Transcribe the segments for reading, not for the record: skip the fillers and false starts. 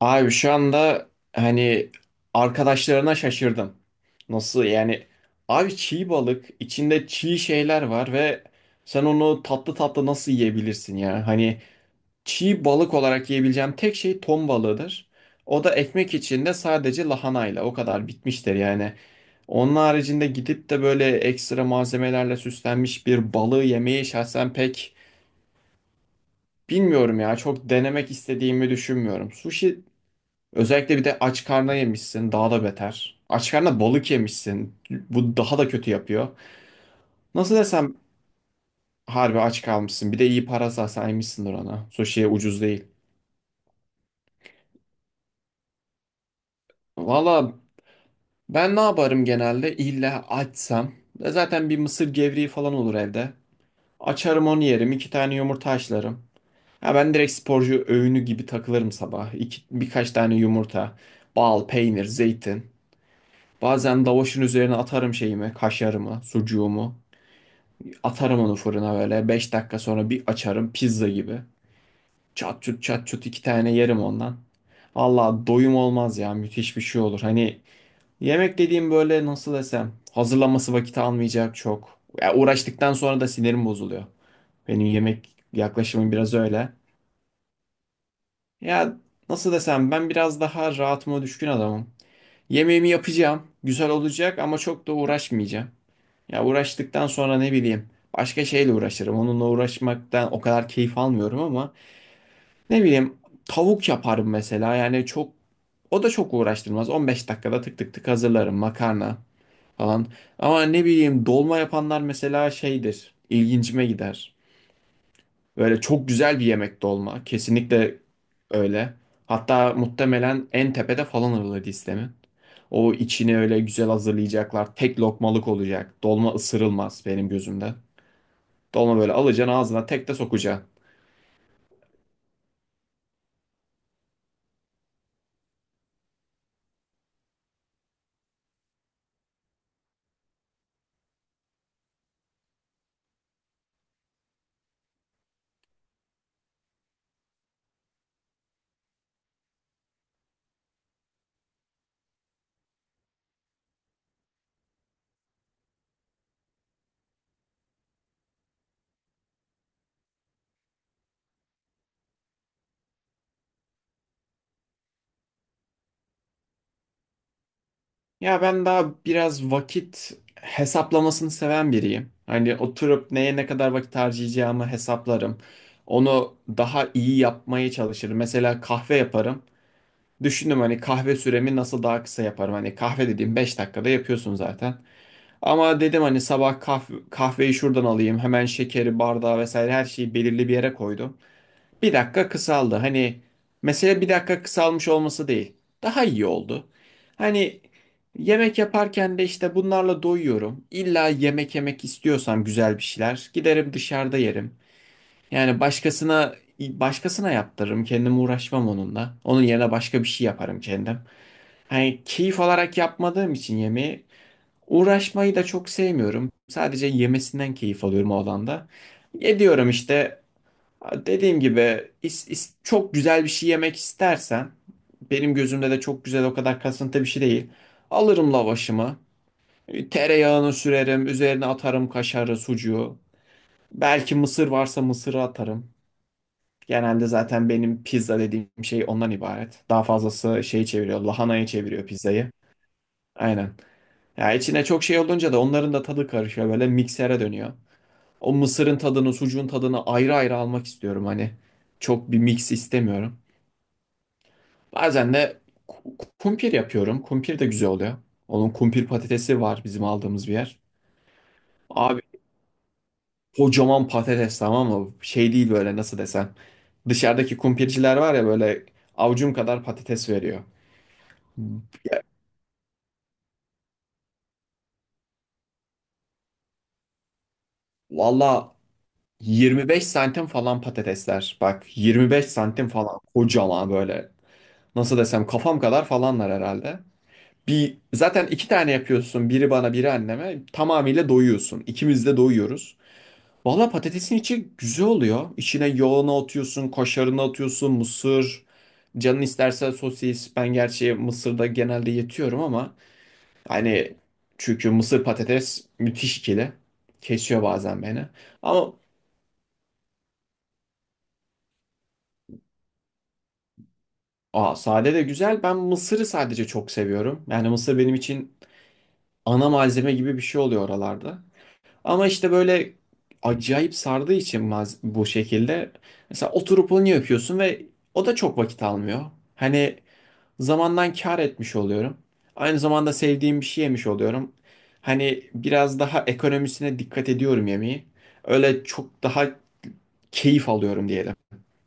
Abi şu anda arkadaşlarına şaşırdım. Nasıl yani? Abi çiğ balık, içinde çiğ şeyler var ve sen onu tatlı tatlı nasıl yiyebilirsin ya? Hani çiğ balık olarak yiyebileceğim tek şey ton balığıdır. O da ekmek içinde sadece lahanayla o kadar bitmiştir yani. Onun haricinde gidip de böyle ekstra malzemelerle süslenmiş bir balığı yemeyi şahsen pek bilmiyorum ya. Çok denemek istediğimi düşünmüyorum. Sushi özellikle bir de aç karna yemişsin, daha da beter. Aç karna balık yemişsin. Bu daha da kötü yapıyor. Nasıl desem harbi aç kalmışsın. Bir de iyi para saymışsındır ona. Sushi'ye ucuz değil. Valla ben ne yaparım genelde? İlla açsam. E zaten bir mısır gevreği falan olur evde. Açarım onu yerim. İki tane yumurta haşlarım. Ha ben direkt sporcu öğünü gibi takılırım sabah. İki, birkaç tane yumurta, bal, peynir, zeytin. Bazen lavaşın üzerine atarım şeyimi, kaşarımı, sucuğumu. Atarım onu fırına böyle. Beş dakika sonra bir açarım pizza gibi. Çat çut çat çut iki tane yerim ondan. Valla doyum olmaz ya, müthiş bir şey olur. Hani yemek dediğim böyle nasıl desem hazırlanması vakit almayacak çok. Ya uğraştıktan sonra da sinirim bozuluyor. Benim yemek yaklaşımım biraz öyle. Ya nasıl desem ben biraz daha rahatıma düşkün adamım. Yemeğimi yapacağım. Güzel olacak ama çok da uğraşmayacağım. Ya uğraştıktan sonra ne bileyim başka şeyle uğraşırım. Onunla uğraşmaktan o kadar keyif almıyorum ama ne bileyim tavuk yaparım mesela. Yani çok o da çok uğraştırmaz. 15 dakikada tık tık tık hazırlarım makarna falan. Ama ne bileyim dolma yapanlar mesela şeydir. İlgincime gider. Böyle çok güzel bir yemek dolma. Kesinlikle öyle. Hatta muhtemelen en tepede falan alır listemin. O içini öyle güzel hazırlayacaklar. Tek lokmalık olacak. Dolma ısırılmaz benim gözümde. Dolma böyle alacaksın ağzına tek de sokacaksın. Ya ben daha biraz vakit hesaplamasını seven biriyim. Hani oturup neye ne kadar vakit harcayacağımı hesaplarım. Onu daha iyi yapmaya çalışırım. Mesela kahve yaparım. Düşündüm hani kahve süremi nasıl daha kısa yaparım. Hani kahve dediğim 5 dakikada yapıyorsun zaten. Ama dedim hani sabah kahve, kahveyi şuradan alayım. Hemen şekeri, bardağı vesaire her şeyi belirli bir yere koydum. Bir dakika kısaldı. Hani mesele bir dakika kısalmış olması değil. Daha iyi oldu. Hani yemek yaparken de işte bunlarla doyuyorum. İlla yemek yemek istiyorsam güzel bir şeyler giderim dışarıda yerim. Yani başkasına yaptırırım. Kendim uğraşmam onunla. Onun yerine başka bir şey yaparım kendim. Hani keyif alarak yapmadığım için yemeği uğraşmayı da çok sevmiyorum. Sadece yemesinden keyif alıyorum o alanda. Ediyorum işte. Dediğim gibi çok güzel bir şey yemek istersen benim gözümde de çok güzel o kadar kasıntı bir şey değil. Alırım lavaşımı. Tereyağını sürerim. Üzerine atarım kaşarı, sucuğu. Belki mısır varsa mısırı atarım. Genelde zaten benim pizza dediğim şey ondan ibaret. Daha fazlası şeyi çeviriyor. Lahanayı çeviriyor pizzayı. Aynen. Ya içine çok şey olunca da onların da tadı karışıyor. Böyle miksere dönüyor. O mısırın tadını, sucuğun tadını ayrı ayrı almak istiyorum hani. Çok bir mix istemiyorum. Bazen de kumpir yapıyorum. Kumpir de güzel oluyor. Onun kumpir patatesi var bizim aldığımız bir yer. Abi kocaman patates tamam mı? Şey değil böyle nasıl desem. Dışarıdaki kumpirciler var ya böyle avucum kadar patates veriyor. Ya, valla 25 santim falan patatesler. Bak 25 santim falan kocaman böyle. Nasıl desem kafam kadar falanlar herhalde. Bir zaten iki tane yapıyorsun. Biri bana biri anneme. Tamamıyla doyuyorsun. İkimiz de doyuyoruz. Valla patatesin içi güzel oluyor. İçine yoğunu atıyorsun, kaşarını atıyorsun, mısır. Canın isterse sosis. Ben gerçi mısırda genelde yetiyorum ama hani çünkü mısır patates müthiş ikili. Kesiyor bazen beni. Ama aa, sade de güzel. Ben mısırı sadece çok seviyorum. Yani mısır benim için ana malzeme gibi bir şey oluyor oralarda. Ama işte böyle acayip sardığı için bu şekilde. Mesela oturup onu yapıyorsun ve o da çok vakit almıyor. Hani zamandan kâr etmiş oluyorum. Aynı zamanda sevdiğim bir şey yemiş oluyorum. Hani biraz daha ekonomisine dikkat ediyorum yemeği. Öyle çok daha keyif alıyorum diyelim.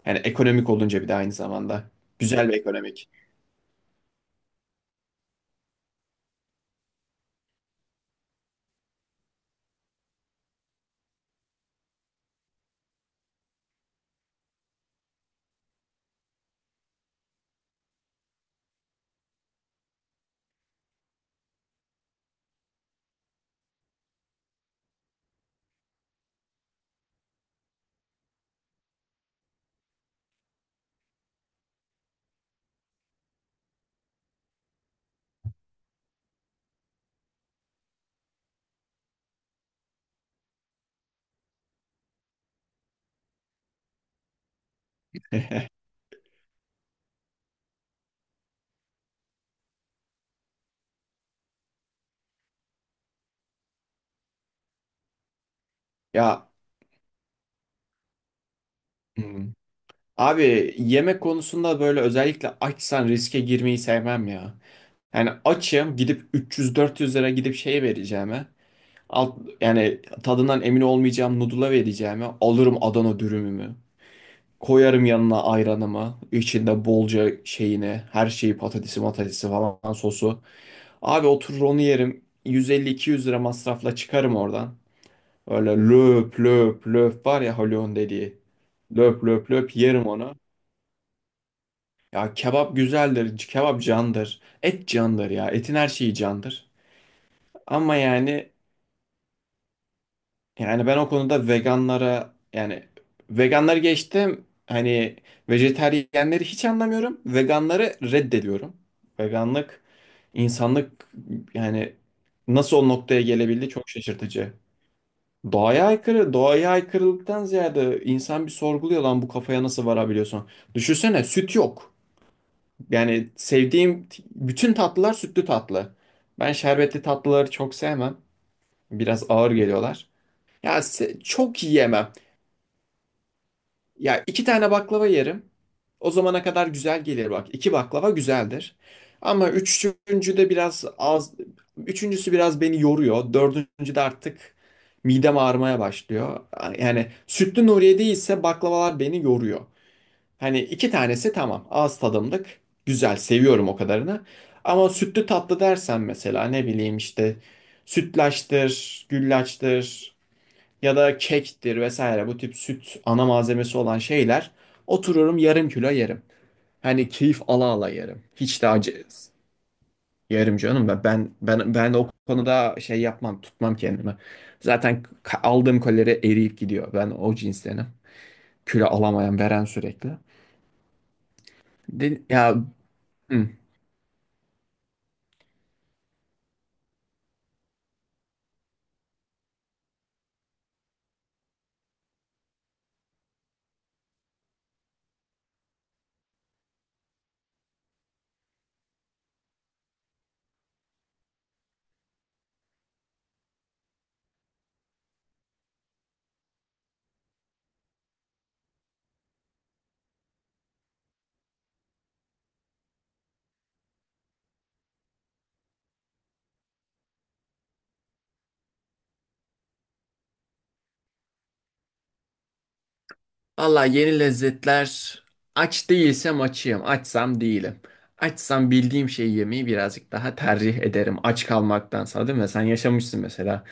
Yani ekonomik olunca bir de aynı zamanda. Güzel ve ekonomik. Ya hmm. abi yemek konusunda böyle özellikle açsan riske girmeyi sevmem ya. Yani açım gidip 300-400 lira gidip şeye vereceğime yani tadından emin olmayacağım noodle'a vereceğime alırım Adana dürümümü. Koyarım yanına ayranımı. İçinde bolca şeyini. Her şeyi patatesi matatesi falan sosu. Abi oturur onu yerim. 150-200 lira masrafla çıkarım oradan. Öyle löp löp löp var ya Haluk'un dediği. Löp löp löp yerim onu. Ya kebap güzeldir. Kebap candır. Et candır ya. Etin her şeyi candır. Ama yani yani ben o konuda veganlara yani veganları geçtim hani vejetaryenleri hiç anlamıyorum. Veganları reddediyorum. Veganlık insanlık yani nasıl o noktaya gelebildi çok şaşırtıcı. Doğaya aykırı, doğaya aykırılıktan ziyade insan bir sorguluyor lan bu kafaya nasıl varabiliyorsun? Düşünsene süt yok. Yani sevdiğim bütün tatlılar sütlü tatlı. Ben şerbetli tatlıları çok sevmem. Biraz ağır geliyorlar. Ya çok yiyemem. Ya iki tane baklava yerim. O zamana kadar güzel gelir bak. İki baklava güzeldir. Ama üçüncü de biraz az. Üçüncüsü biraz beni yoruyor. Dördüncü de artık midem ağrımaya başlıyor. Yani sütlü Nuriye değilse baklavalar beni yoruyor. Hani iki tanesi tamam. Ağız tadımlık. Güzel. Seviyorum o kadarını. Ama sütlü tatlı dersen mesela ne bileyim işte sütlaçtır, güllaçtır ya da kektir vesaire bu tip süt ana malzemesi olan şeyler otururum yarım kilo yerim. Hani keyif ala ala yerim. Hiç de acı yerim canım ben o konuda şey yapmam tutmam kendimi. Zaten aldığım kalori eriyip gidiyor. Ben o cinstenim. Kilo alamayan veren sürekli. Ya hı. Vallahi yeni lezzetler aç değilsem açayım, açsam değilim. Açsam bildiğim şeyi yemeyi birazcık daha tercih ederim. Aç kalmaktansa değil mi? Sen yaşamışsın mesela.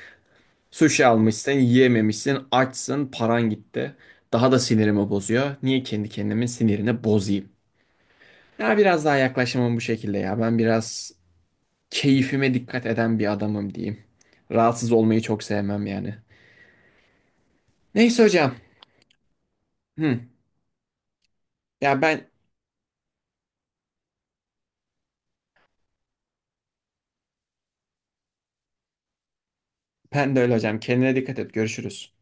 Sushi almışsın, yiyememişsin, açsın, paran gitti. Daha da sinirimi bozuyor. Niye kendi kendimin sinirini bozayım? Ya biraz daha yaklaşımım bu şekilde ya. Ben biraz keyfime dikkat eden bir adamım diyeyim. Rahatsız olmayı çok sevmem yani. Neyse hocam. Hı. Ya ben Ben de öyle hocam. Kendine dikkat et. Görüşürüz.